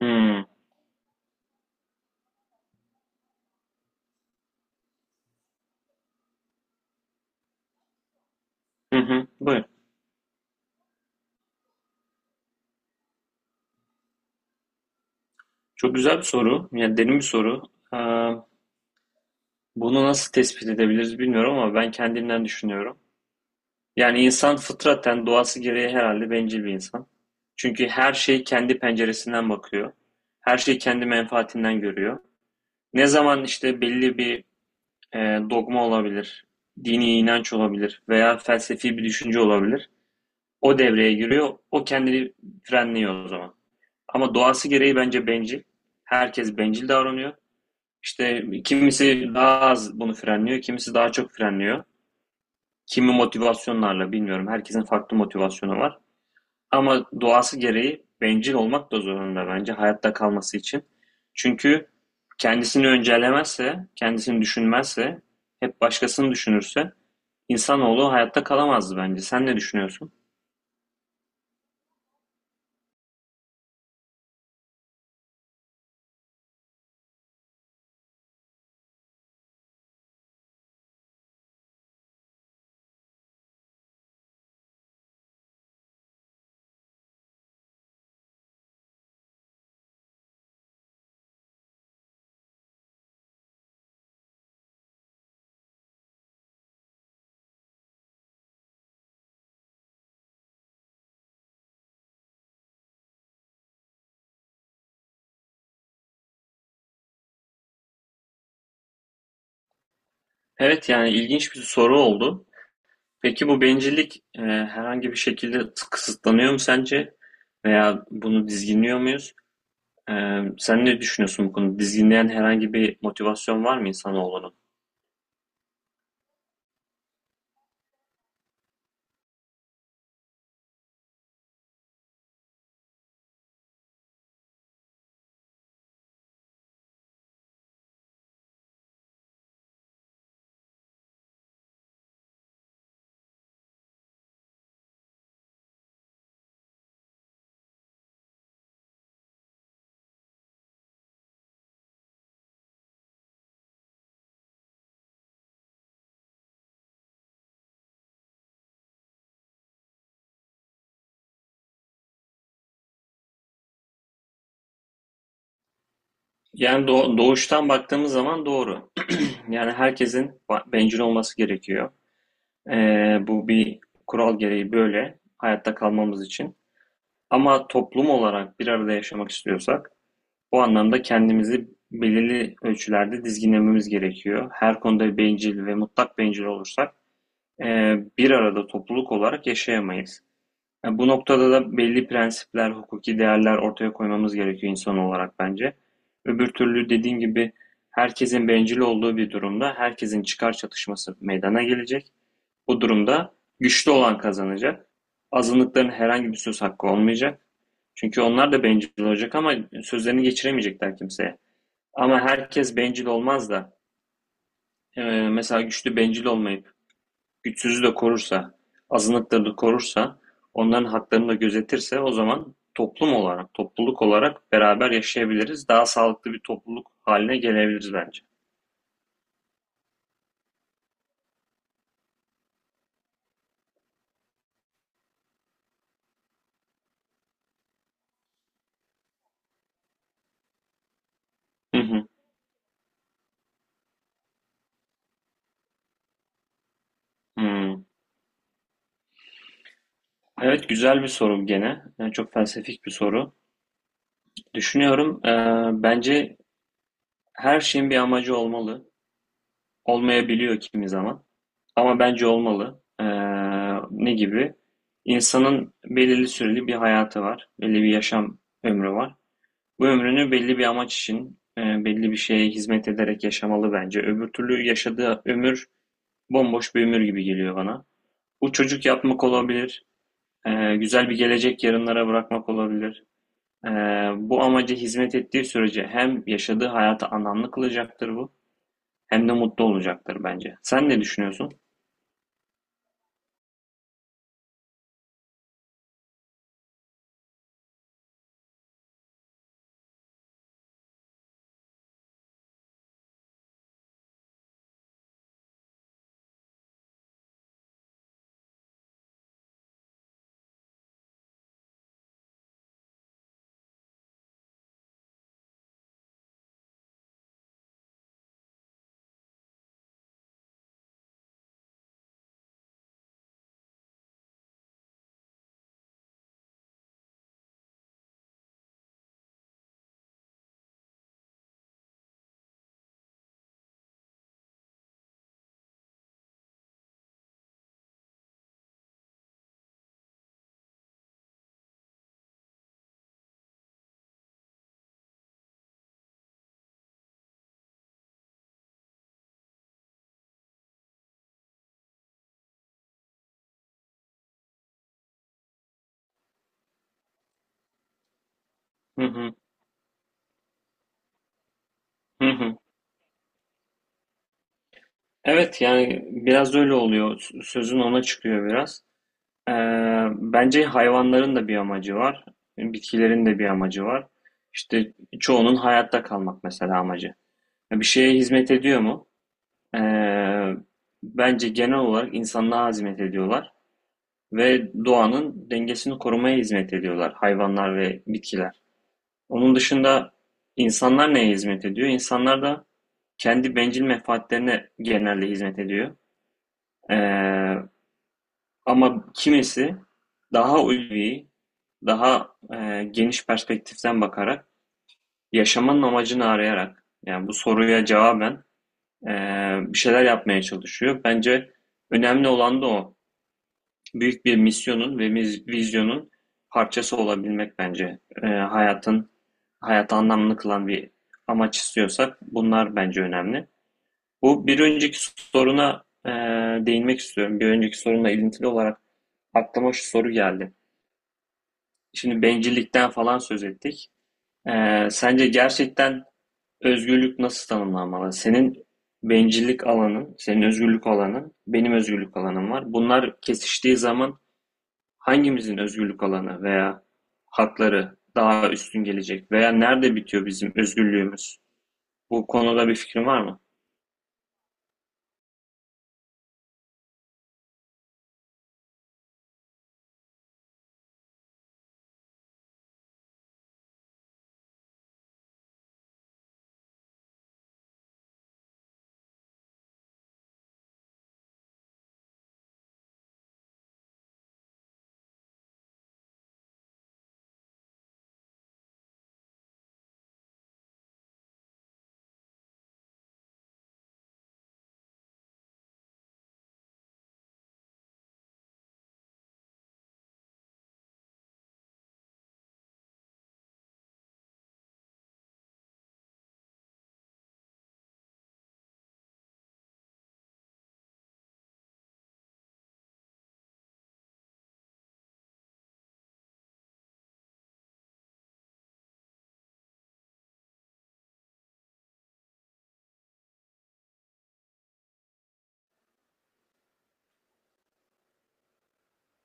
Hmm. Hı hı. Buyur. Çok güzel bir soru. Yani derin bir soru. Ee, bunu nasıl tespit edebiliriz bilmiyorum ama ben kendimden düşünüyorum. Yani insan fıtraten doğası gereği herhalde bencil bir insan. Çünkü her şey kendi penceresinden bakıyor. Her şey kendi menfaatinden görüyor. Ne zaman işte belli bir e, dogma olabilir, dini inanç olabilir veya felsefi bir düşünce olabilir. O devreye giriyor. O kendini frenliyor o zaman. Ama doğası gereği bence bencil. Herkes bencil davranıyor. İşte kimisi daha az bunu frenliyor, kimisi daha çok frenliyor. Kimi motivasyonlarla bilmiyorum. Herkesin farklı motivasyonu var. Ama doğası gereği bencil olmak da zorunda bence hayatta kalması için. Çünkü kendisini öncelemezse, kendisini düşünmezse, hep başkasını düşünürse insanoğlu hayatta kalamazdı bence. Sen ne düşünüyorsun? Evet yani ilginç bir soru oldu. Peki bu bencillik herhangi bir şekilde kısıtlanıyor mu sence? Veya bunu dizginliyor muyuz? Sen ne düşünüyorsun bu konuda? Dizginleyen herhangi bir motivasyon var mı insanoğlunun? Yani doğuştan baktığımız zaman doğru. Yani herkesin bencil olması gerekiyor. Bu bir kural gereği böyle hayatta kalmamız için. Ama toplum olarak bir arada yaşamak istiyorsak bu anlamda kendimizi belirli ölçülerde dizginlememiz gerekiyor. Her konuda bencil ve mutlak bencil olursak e, bir arada topluluk olarak yaşayamayız. Ya bu noktada da belli prensipler, hukuki değerler ortaya koymamız gerekiyor insan olarak bence. Öbür türlü dediğim gibi herkesin bencil olduğu bir durumda herkesin çıkar çatışması meydana gelecek. Bu durumda güçlü olan kazanacak. Azınlıkların herhangi bir söz hakkı olmayacak. Çünkü onlar da bencil olacak ama sözlerini geçiremeyecekler kimseye. Ama herkes bencil olmaz da e, mesela güçlü bencil olmayıp güçsüzü de korursa, azınlıkları da korursa, onların haklarını da gözetirse o zaman toplum olarak, topluluk olarak beraber yaşayabiliriz. Daha sağlıklı bir topluluk haline gelebiliriz bence. Hı hı. Hmm. Evet güzel bir soru gene. Yani çok felsefik bir soru. Düşünüyorum, bence her şeyin bir amacı olmalı. Olmayabiliyor kimi zaman. Ama bence olmalı. Ne gibi? İnsanın belirli süreli bir hayatı var. Belli bir yaşam ömrü var. Bu ömrünü belli bir amaç için, belli bir şeye hizmet ederek yaşamalı bence. Öbür türlü yaşadığı ömür bomboş bir ömür gibi geliyor bana. Bu çocuk yapmak olabilir, güzel bir gelecek yarınlara bırakmak olabilir. E, bu amaca hizmet ettiği sürece hem yaşadığı hayata anlamlı kılacaktır bu, hem de mutlu olacaktır bence. Sen ne düşünüyorsun? Hı hı, hı hı. Evet yani biraz öyle oluyor. Sözün ona çıkıyor biraz. Ee, bence hayvanların da bir amacı var. Bitkilerin de bir amacı var. İşte çoğunun hayatta kalmak mesela amacı. Bir şeye hizmet ediyor mu? Ee, bence genel olarak insanlığa hizmet ediyorlar ve doğanın dengesini korumaya hizmet ediyorlar hayvanlar ve bitkiler. Onun dışında insanlar neye hizmet ediyor? İnsanlar da kendi bencil menfaatlerine genelde hizmet ediyor. Ee, Ama kimisi daha ulvi, daha geniş perspektiften bakarak, yaşamanın amacını arayarak, yani bu soruya cevaben e, bir şeyler yapmaya çalışıyor. Bence önemli olan da o. Büyük bir misyonun ve vizyonun parçası olabilmek bence. Hayatın, hayatı anlamlı kılan bir amaç istiyorsak bunlar bence önemli. Bu bir önceki soruna değinmek istiyorum. Bir önceki sorunla ilintili olarak aklıma şu soru geldi. Şimdi bencillikten falan söz ettik. Sence gerçekten özgürlük nasıl tanımlanmalı? Senin bencillik alanın, senin özgürlük alanın, benim özgürlük alanım var. Bunlar kesiştiği zaman hangimizin özgürlük alanı veya hakları daha üstün gelecek veya nerede bitiyor bizim özgürlüğümüz? Bu konuda bir fikrin var mı?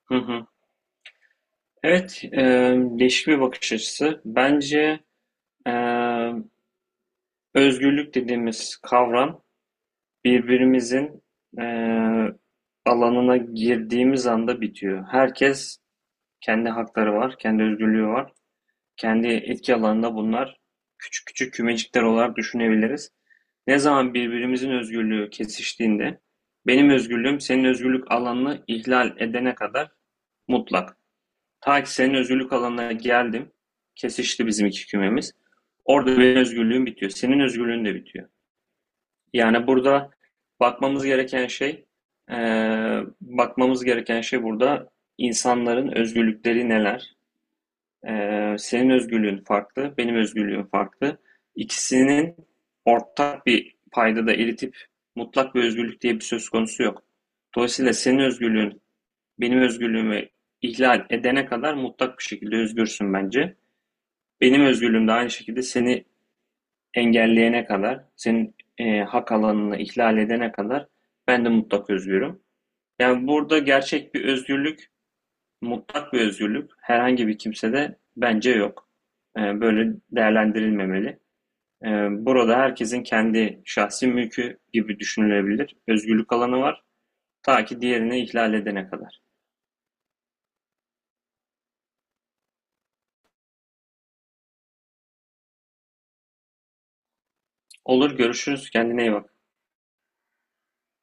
Hı hı. Evet, değişik bir bakış açısı. Bence e, özgürlük dediğimiz kavram birbirimizin eee, alanına girdiğimiz anda bitiyor. Herkes kendi hakları var, kendi özgürlüğü var. Kendi etki alanında bunlar küçük küçük kümecikler olarak düşünebiliriz. Ne zaman birbirimizin özgürlüğü kesiştiğinde benim özgürlüğüm senin özgürlük alanını ihlal edene kadar mutlak. Ta ki senin özgürlük alanına geldim, kesişti bizim iki kümemiz. Orada benim özgürlüğüm bitiyor, senin özgürlüğün de bitiyor. Yani burada bakmamız gereken şey, bakmamız gereken şey burada insanların özgürlükleri neler? Senin özgürlüğün farklı, benim özgürlüğüm farklı. İkisinin ortak bir paydada eritip mutlak bir özgürlük diye bir söz konusu yok. Dolayısıyla senin özgürlüğün benim özgürlüğümü ihlal edene kadar mutlak bir şekilde özgürsün bence. Benim özgürlüğüm de aynı şekilde seni engelleyene kadar, senin hak alanını ihlal edene kadar ben de mutlak özgürüm. Yani burada gerçek bir özgürlük, mutlak bir özgürlük herhangi bir kimsede bence yok. Böyle değerlendirilmemeli. E, burada herkesin kendi şahsi mülkü gibi düşünülebilir. Özgürlük alanı var. Ta ki diğerini ihlal edene kadar. Olur görüşürüz. Kendine iyi bak.